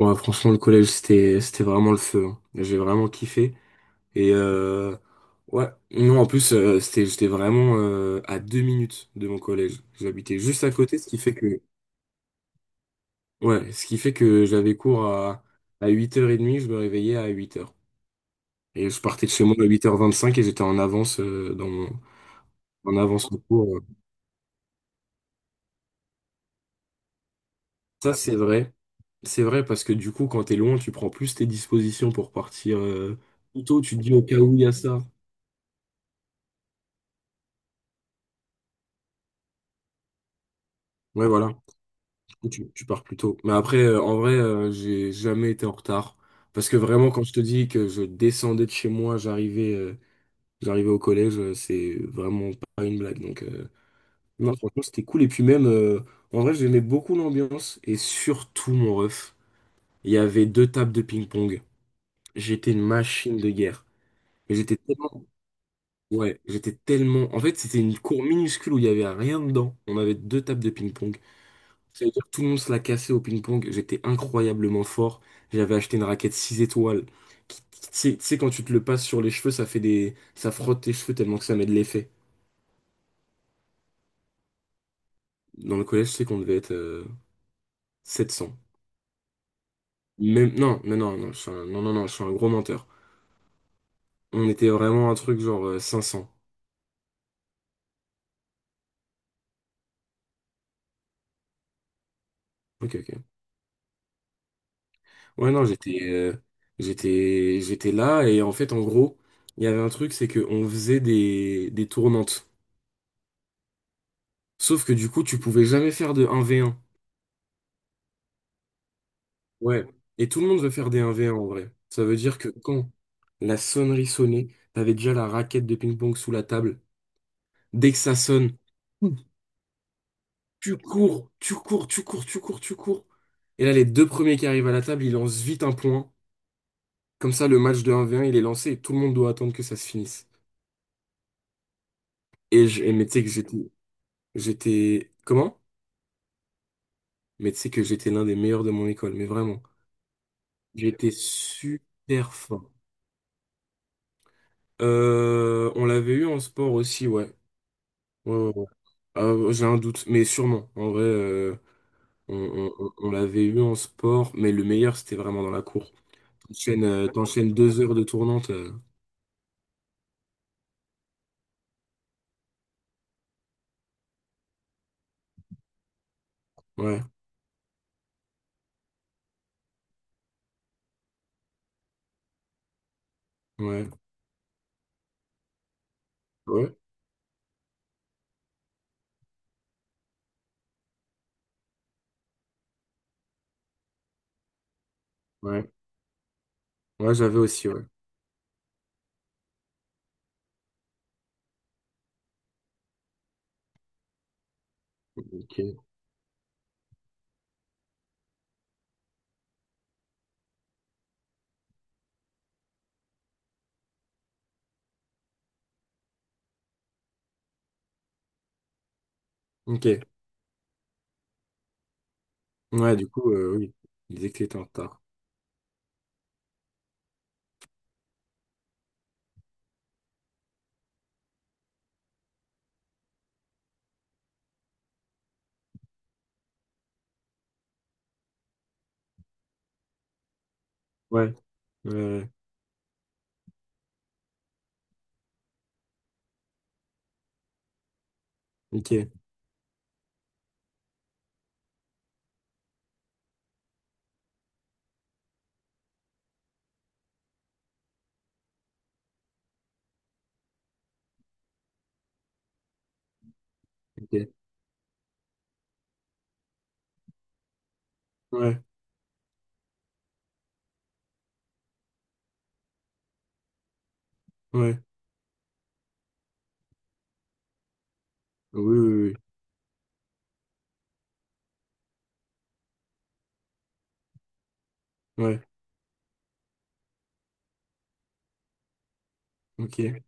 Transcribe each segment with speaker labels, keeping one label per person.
Speaker 1: Ouais, franchement, le collège, c'était vraiment le feu, hein. J'ai vraiment kiffé. Et euh, ouais, non, en plus, j'étais vraiment à 2 minutes de mon collège. J'habitais juste à côté, ce qui fait que, ouais, ce qui fait que j'avais cours à 8h30. Je me réveillais à 8h. Et je partais de chez moi à 8h25 et j'étais en avance, en avance au cours. Ça, c'est vrai. C'est vrai parce que du coup, quand t'es loin, tu prends plus tes dispositions pour partir plus tôt. Tu te dis au cas où il y a ça. Ouais, voilà. Tu pars plus tôt. Mais après, en vrai, j'ai jamais été en retard. Parce que vraiment, quand je te dis que je descendais de chez moi, j'arrivais au collège, c'est vraiment pas une blague. Donc, non, franchement, c'était cool. Et puis même, en vrai, j'aimais beaucoup l'ambiance. Et surtout, mon ref, il y avait deux tables de ping-pong. J'étais une machine de guerre. Mais j'étais tellement... Ouais, en fait, c'était une cour minuscule où il y avait rien dedans. On avait deux tables de ping-pong. Ça veut dire que tout le monde se l'a cassé au ping-pong. J'étais incroyablement fort. J'avais acheté une raquette 6 étoiles, tu sais, quand tu te le passes sur les cheveux, ça frotte tes cheveux tellement que ça met de l'effet. Dans le collège, je sais qu'on devait être 700. Non, mais non, non, non, non, non, je suis un gros menteur. On était vraiment un truc genre 500. Ok, ok. Ouais, non, j'étais là et en fait, en gros, il y avait un truc, c'est qu'on faisait des tournantes. Sauf que du coup, tu pouvais jamais faire de 1v1. Ouais. Et tout le monde veut faire des 1v1 en vrai. Ça veut dire que quand la sonnerie sonnait, t'avais déjà la raquette de ping-pong sous la table. Dès que ça sonne, tu cours, tu cours, tu cours, tu cours, tu cours. Et là, les deux premiers qui arrivent à la table, ils lancent vite un point. Comme ça, le match de 1v1, il est lancé et tout le monde doit attendre que ça se finisse. Et, je, et Mais tu sais que j'étais. Comment? Mais tu sais que j'étais l'un des meilleurs de mon école, mais vraiment. J'étais super fort. On l'avait eu en sport aussi, ouais. Ouais, ouais, ouais. J'ai un doute, mais sûrement. En vrai, on l'avait eu en sport, mais le meilleur, c'était vraiment dans la cour. T'enchaînes 2 heures de tournante. Ouais, ouais, ouais, ouais. Ouais, j'avais aussi, ouais. Ok. Ok. Ouais, du coup, oui. Il disait que t'étais en retard. Ouais, ouais, ouais. Ok, ok. Ouais, ouais. Oui, oui, oui, oui. Ouais, ok.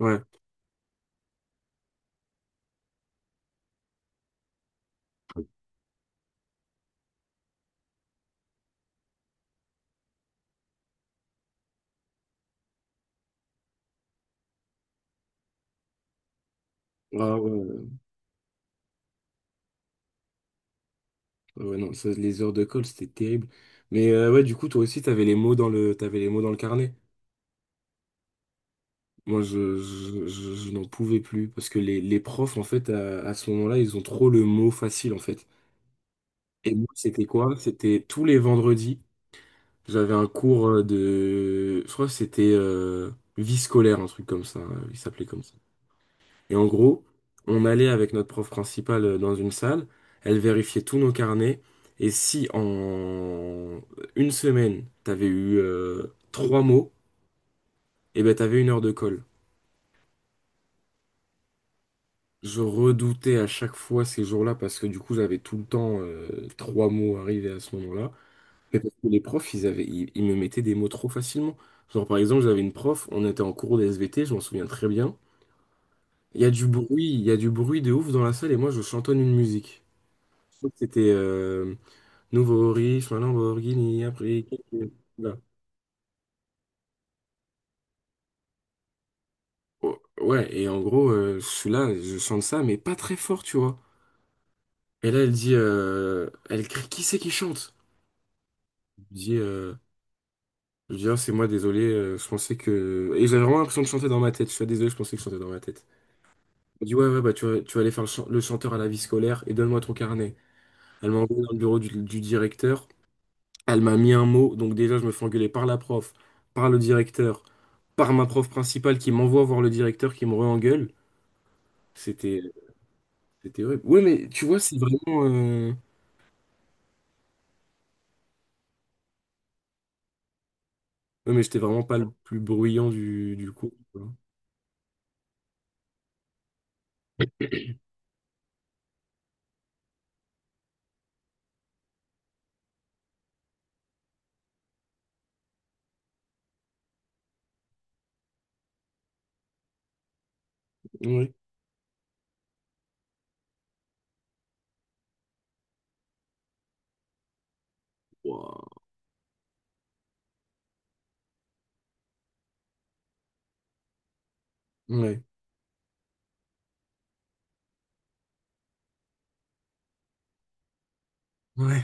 Speaker 1: Ouais. Ah, ouais, ouais, ouais. Ouais, non, ça, les heures de colle, c'était terrible. Mais ouais, du coup, toi aussi, t'avais les mots dans le carnet. Moi, je n'en pouvais plus parce que les profs, en fait, à ce moment-là, ils ont trop le mot facile, en fait. Et moi, c'était quoi? C'était tous les vendredis, j'avais un cours de, je crois que c'était vie scolaire, un truc comme ça. Il s'appelait comme ça. Et en gros, on allait avec notre prof principale dans une salle, elle vérifiait tous nos carnets. Et si en une semaine, t'avais eu trois mots, et ben t'avais une heure de colle. Je redoutais à chaque fois ces jours-là parce que du coup j'avais tout le temps trois mots arrivés à ce moment-là. Mais parce que les profs, ils me mettaient des mots trop facilement. Genre par exemple, j'avais une prof, on était en cours de SVT, je m'en souviens très bien. Il y a du bruit, il y a du bruit de ouf dans la salle et moi je chantonne une musique. Je crois que c'était Nouveau riche, ma Lamborghini, après. Voilà. Oh, ouais, et en gros, je suis là, je chante ça, mais pas très fort, tu vois. Et là, elle dit, elle crie, qui c'est qui chante? Je dis, euh, c'est moi, désolé, je pensais que... Et j'avais vraiment l'impression de chanter dans ma tête, je suis désolé, je pensais que je chantais dans ma tête. Elle me dit, ouais, ouais, bah tu vas aller faire le chanteur à la vie scolaire et donne-moi ton carnet. Elle m'a envoyé dans le bureau du directeur, elle m'a mis un mot, donc déjà je me fais engueuler par la prof, par le directeur, par ma prof principale qui m'envoie voir le directeur qui me re-engueule. C'était, c'était horrible. Ouais, mais tu vois. Ouais, mais j'étais vraiment pas le plus bruyant du cours, quoi. Ouais. Ouah. Ouais. Ouais.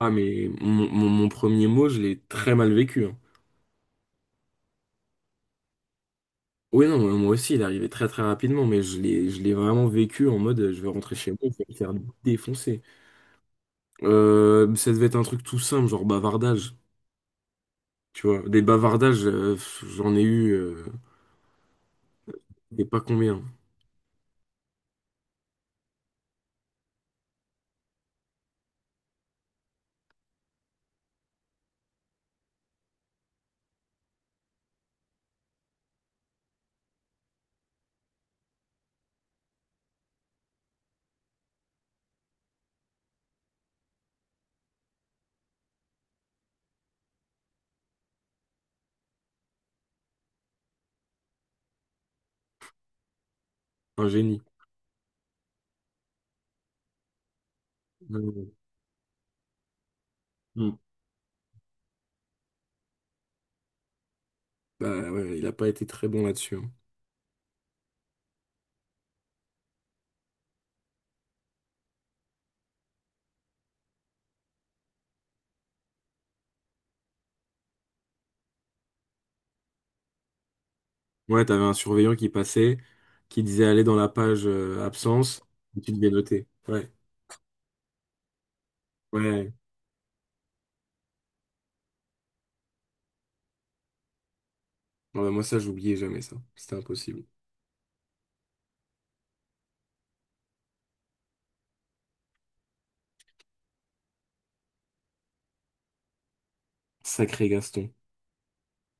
Speaker 1: Ah mais mon premier mot, je l'ai très mal vécu, hein. Oui, non, moi aussi, il est arrivé très très rapidement, mais je l'ai vraiment vécu en mode je vais rentrer chez moi, je vais me faire défoncer. Ça devait être un truc tout simple, genre bavardage, tu vois. Des bavardages, j'en ai eu des pas combien. Un génie. Euh, hmm. Bah ouais, il a pas été très bon là-dessus, hein. Ouais, t'avais un surveillant qui passait, qui disait aller dans la page absence, et tu devais noter. Ouais, ouais. Ouais, moi ça, j'oubliais jamais ça. C'était impossible. Sacré Gaston.